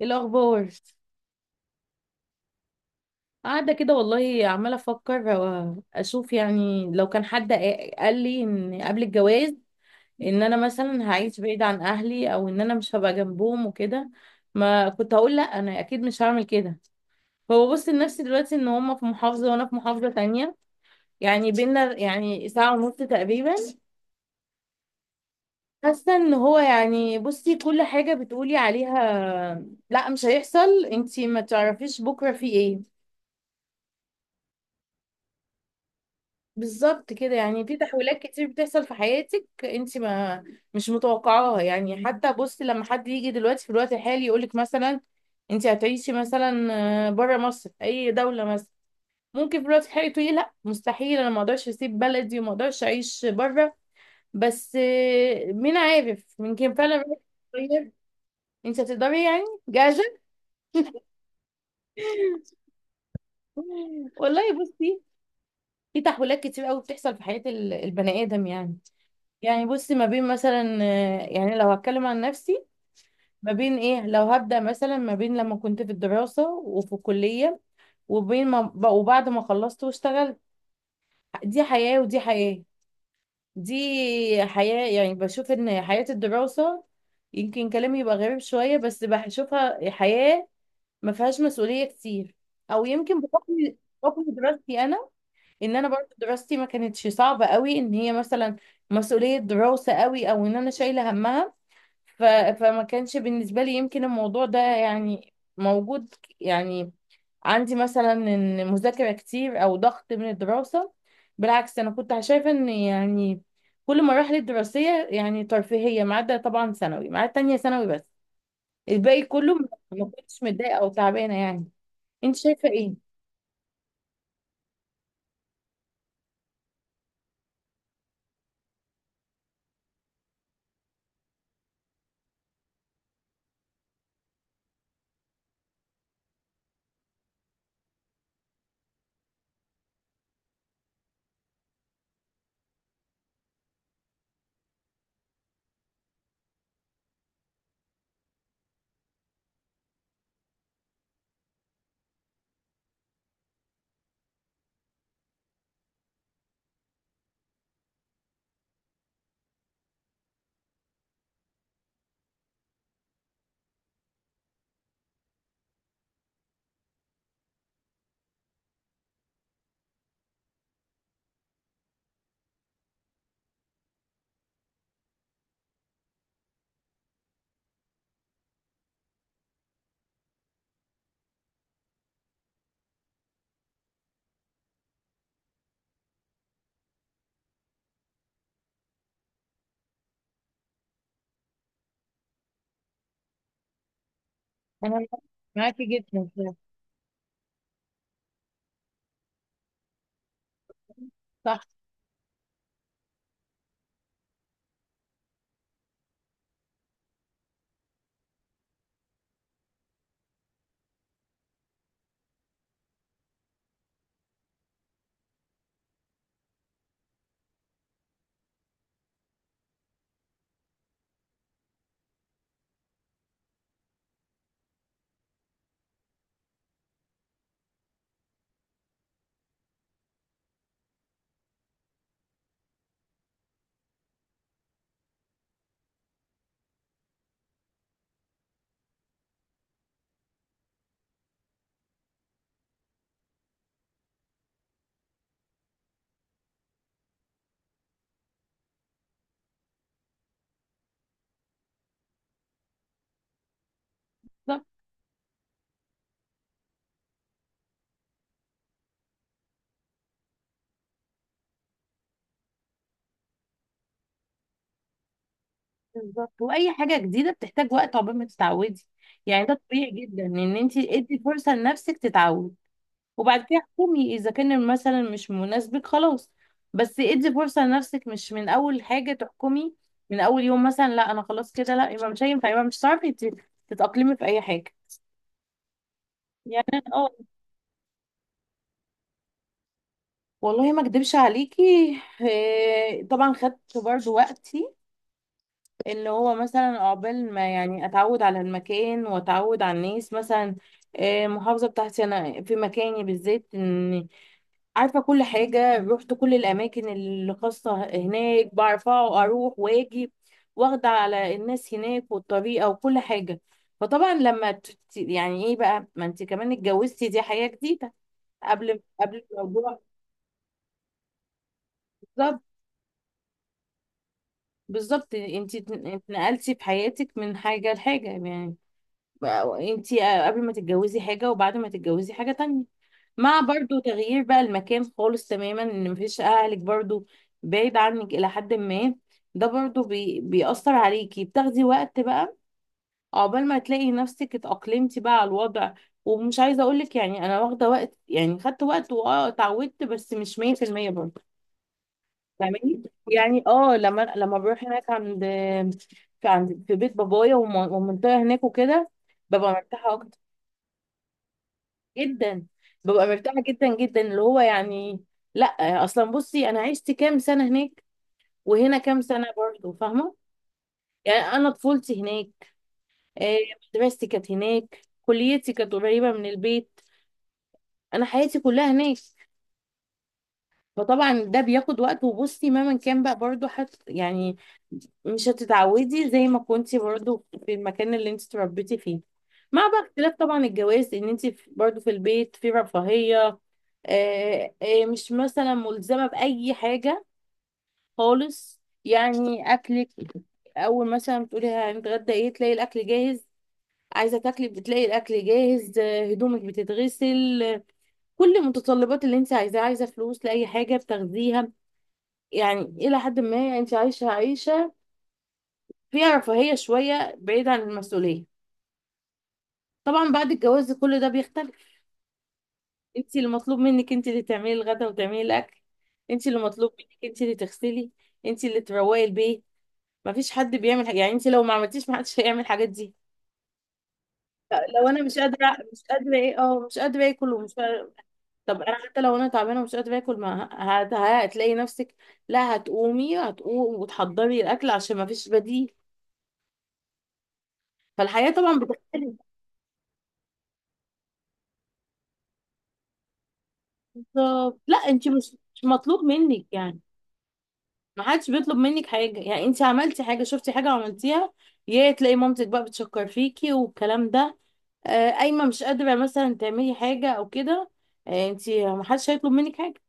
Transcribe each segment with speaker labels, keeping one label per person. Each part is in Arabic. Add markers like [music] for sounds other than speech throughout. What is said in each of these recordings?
Speaker 1: إيه الاخبار؟ قاعده كده والله عماله افكر اشوف، يعني لو كان حد قال لي ان قبل الجواز ان انا مثلا هعيش بعيد عن اهلي او ان انا مش هبقى جنبهم وكده، ما كنت هقول لا، انا اكيد مش هعمل كده. فببص لنفسي دلوقتي ان هما في محافظه وانا في محافظه تانية، يعني بينا يعني ساعه ونص تقريبا. حاسه ان هو يعني بصي كل حاجه بتقولي عليها لا مش هيحصل انتي ما تعرفيش بكره في ايه. بالظبط كده، يعني في تحولات كتير بتحصل في حياتك انت ما مش متوقعاها. يعني حتى بصي لما حد يجي دلوقتي في الوقت الحالي يقولك مثلا انت هتعيشي مثلا بره مصر في اي دولة مثلا، ممكن في الوقت الحالي تقولي لا، مستحيل، انا ما اقدرش اسيب بلدي وما اقدرش اعيش بره. بس مين عارف، يمكن فعلا رأيك يتغير. انت هتقدري يعني، جاهزة. [laughs] والله بصي، في تحولات كتير قوي بتحصل في حياة البني آدم يعني. يعني بصي ما بين مثلا يعني لو هتكلم عن نفسي، ما بين ايه، لو هبدأ مثلا ما بين لما كنت في الدراسة وفي الكلية، وبين ما ب- وبعد ما خلصت واشتغلت. دي حياة ودي حياة. دي حياة، يعني بشوف ان حياة الدراسة، يمكن كلامي يبقى غريب شوية، بس بشوفها حياة ما فيهاش مسؤولية كتير. او يمكن بحكم دراستي انا، ان انا برضه دراستي ما كانتش صعبة قوي ان هي مثلا مسؤولية دراسة قوي او ان انا شايلة همها. ف... فما كانش بالنسبة لي يمكن الموضوع ده يعني موجود، يعني عندي مثلا ان مذاكرة كتير او ضغط من الدراسة. بالعكس انا كنت شايفة ان يعني كل مراحل الدراسية يعني ترفيهية، ما عدا طبعا ثانوي، ما عدا تانية ثانوي بس، الباقي كله ما كنتش متضايقة او تعبانة يعني. انت شايفة ايه؟ انا معاكي جدا فيها. صح. صح. بالظبط، واي حاجة جديدة بتحتاج وقت عقبال ما تتعودي. يعني ده طبيعي جدا ان انت ادي فرصة لنفسك تتعود، وبعد كده حكمي اذا كان مثلا مش مناسبك خلاص. بس ادي فرصه لنفسك، مش من اول حاجه تحكمي، من اول يوم مثلا لا انا خلاص كده، لا يبقى مش هينفع، يبقى مش هتعرفي تتاقلمي في اي حاجه. يعني اه والله ما اكدبش عليكي، طبعا خدت برضو وقتي، اللي هو مثلا عقبال ما يعني اتعود على المكان واتعود على الناس مثلا. المحافظه بتاعتي انا في مكاني بالذات ان عارفة كل حاجة، رحت كل الأماكن اللي خاصة هناك، بعرف أروح وأجي، واخدة على الناس هناك والطريقة وكل حاجة. فطبعا لما يعني إيه بقى، ما أنت كمان اتجوزتي، دي حياة جديدة، قبل الموضوع. بالظبط بالظبط، أنت اتنقلتي في حياتك من حاجة لحاجة يعني. أنت قبل ما تتجوزي حاجة، وبعد ما تتجوزي حاجة تانية، مع برضو تغيير بقى المكان خالص تماما، ان مفيش اهلك برضو بعيد عنك الى حد ما. ده برضو بيأثر عليكي، بتاخدي وقت بقى عقبال ما تلاقي نفسك اتأقلمتي بقى على الوضع. ومش عايزة اقولك يعني انا واخدة وقت، يعني خدت وقت واه اتعودت، بس مش 100% برضو، فاهماني؟ يعني اه، لما بروح هناك عند، في بيت بابايا والمنطقة هناك وكده، ببقى مرتاحة اكتر، جدا. ببقى مرتاحة جدا جدا، اللي هو يعني، لا اصلا بصي انا عشت كام سنة هناك، وهنا كام سنة برضه، فاهمة؟ يعني انا طفولتي هناك، آه، مدرستي كانت هناك، كليتي كانت قريبة من البيت، انا حياتي كلها هناك. فطبعا ده بياخد وقت. وبصي مهما كان بقى برضه يعني مش هتتعودي زي ما كنتي برضو في المكان اللي انت اتربيتي فيه، مع بقى اختلاف طبعا الجواز ان انت برضو في البيت في رفاهية، مش مثلا ملزمة بأي حاجة خالص. يعني أكلك، أول مثلا بتقولي هنتغدى ايه، تلاقي الأكل جاهز، عايزة تاكلي بتلاقي الأكل جاهز، هدومك بتتغسل، كل المتطلبات اللي انت عايزاها، عايزة فلوس لأي حاجة بتاخديها. يعني إلى حد ما انت عايشة عيشة فيها رفاهية شوية، بعيد عن المسؤولية. طبعا بعد الجواز كل ده بيختلف. انت اللي مطلوب منك، انت اللي تعملي الغدا وتعملي الاكل، انت اللي مطلوب منك، انت اللي تغسلي، انت اللي تروقي البيت، مفيش حد بيعمل حاجة. يعني انت لو ما عملتيش محدش هيعمل الحاجات دي. لو انا مش قادره ايه، اه مش قادره اكل ومش قادرة. طب انا حتى لو انا تعبانه ومش قادره اكل، ما هتلاقي نفسك، لا هتقومي، وتحضري الاكل عشان ما فيش بديل. فالحياه طبعا بتختلف. بالظبط، لا انت مش مطلوب منك يعني، ما حدش بيطلب منك حاجة. يعني انت عملتي حاجة، شفتي حاجة عملتيها، يا تلاقي مامتك بقى بتشكر فيكي والكلام ده، قايمة مش قادرة مثلا تعملي حاجة او كده، انت ما حدش هيطلب منك حاجة،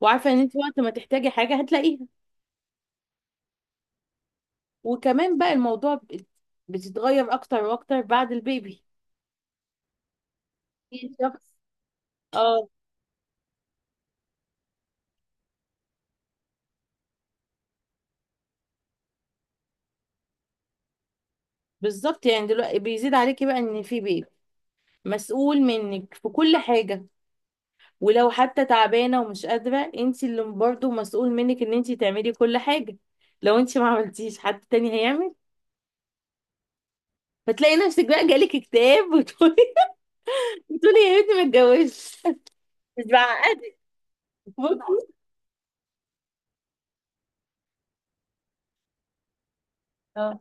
Speaker 1: وعارفة ان انت وقت ما تحتاجي حاجة هتلاقيها. وكمان بقى الموضوع بتتغير اكتر واكتر بعد البيبي، في شخص. اه، بالظبط، يعني دلوقتي بيزيد عليكي بقى ان في بيبي مسؤول منك في كل حاجة، ولو حتى تعبانة ومش قادرة، انت اللي برضه مسؤول منك ان انت تعملي كل حاجة. لو انت ما عملتيش حد تاني هيعمل، فتلاقي نفسك بقى جالك اكتئاب وتقولي [laughs] بتقولي يا بنتي ما اتجوزش، مش بعقدك. بصي، اه،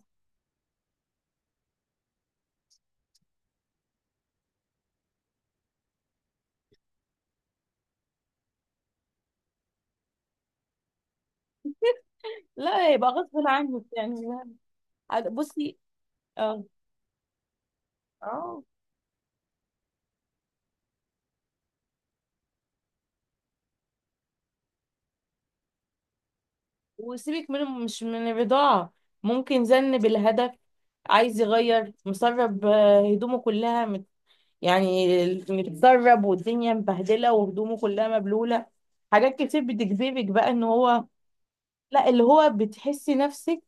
Speaker 1: لا يبقى غصب عنك يعني. بصي، اه، اه. وسيبك من مش من الرضاعة، ممكن زن بالهدف، عايز يغير مسرب، هدومه كلها يعني، متسرب والدنيا مبهدله وهدومه كلها مبلوله، حاجات كتير بتجذبك بقى ان هو، لا اللي هو بتحسي نفسك،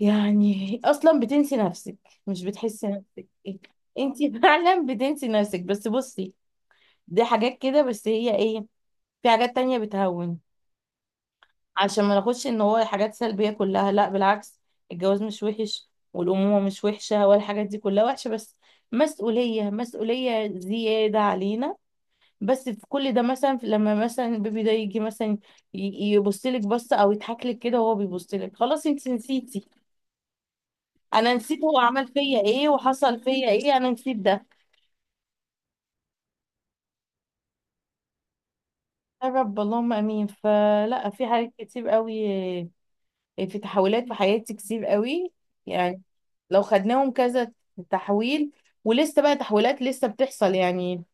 Speaker 1: يعني اصلا بتنسي نفسك، مش بتحسي نفسك انت. [laughs] فعلا بتنسي نفسك. بس بصي، دي حاجات كده بس، هي ايه، في حاجات تانية بتهون. عشان ما ناخدش ان هو حاجات سلبية كلها، لا بالعكس، الجواز مش وحش، والأمومة مش وحشة، ولا الحاجات دي كلها وحشة، بس مسؤولية، مسؤولية زيادة علينا. بس في كل ده مثلا، لما مثلا البيبي ده يجي مثلا يبص لك بصه او يضحك لك كده وهو بيبص لك، خلاص، انت نسيتي، انا نسيت هو عمل فيا ايه وحصل فيا ايه، انا نسيت ده. يا رب، اللهم امين. فلا في حاجات كتير قوي، في تحولات في حياتي كتير قوي يعني، لو خدناهم كذا تحويل، ولسه بقى تحولات لسه بتحصل يعني،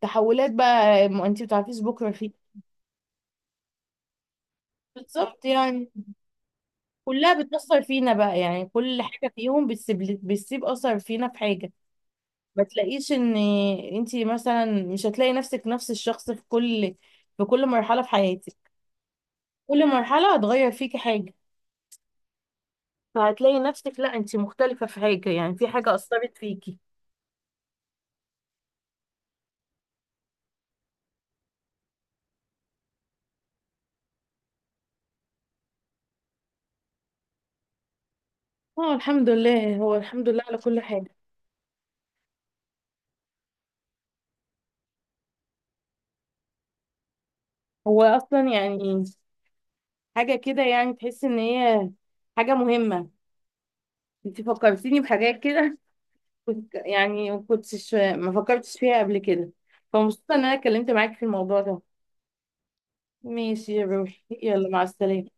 Speaker 1: تحولات بقى ما انت بتعرفيش بكره فيه. بالظبط، يعني كلها بتأثر فينا بقى، يعني كل حاجة فيهم بتسيب، بتسيب أثر فينا في حاجة. ما تلاقيش ان انتي مثلا مش هتلاقي نفسك نفس الشخص في كل، في كل مرحلة في حياتك، كل مرحلة هتغير فيكي حاجة، فهتلاقي نفسك لا انتي مختلفة في حاجة، يعني في حاجة أثرت فيكي. اه الحمد لله، هو الحمد لله على كل حاجة. هو أصلا يعني حاجة كده، يعني تحس ان هي حاجة مهمة. انتي فكرتيني بحاجات كده كنت يعني ما فكرتش فيها قبل كده، فمبسوطة ان انا اتكلمت معاك في الموضوع ده. ماشي يا روحي، يلا مع السلامة.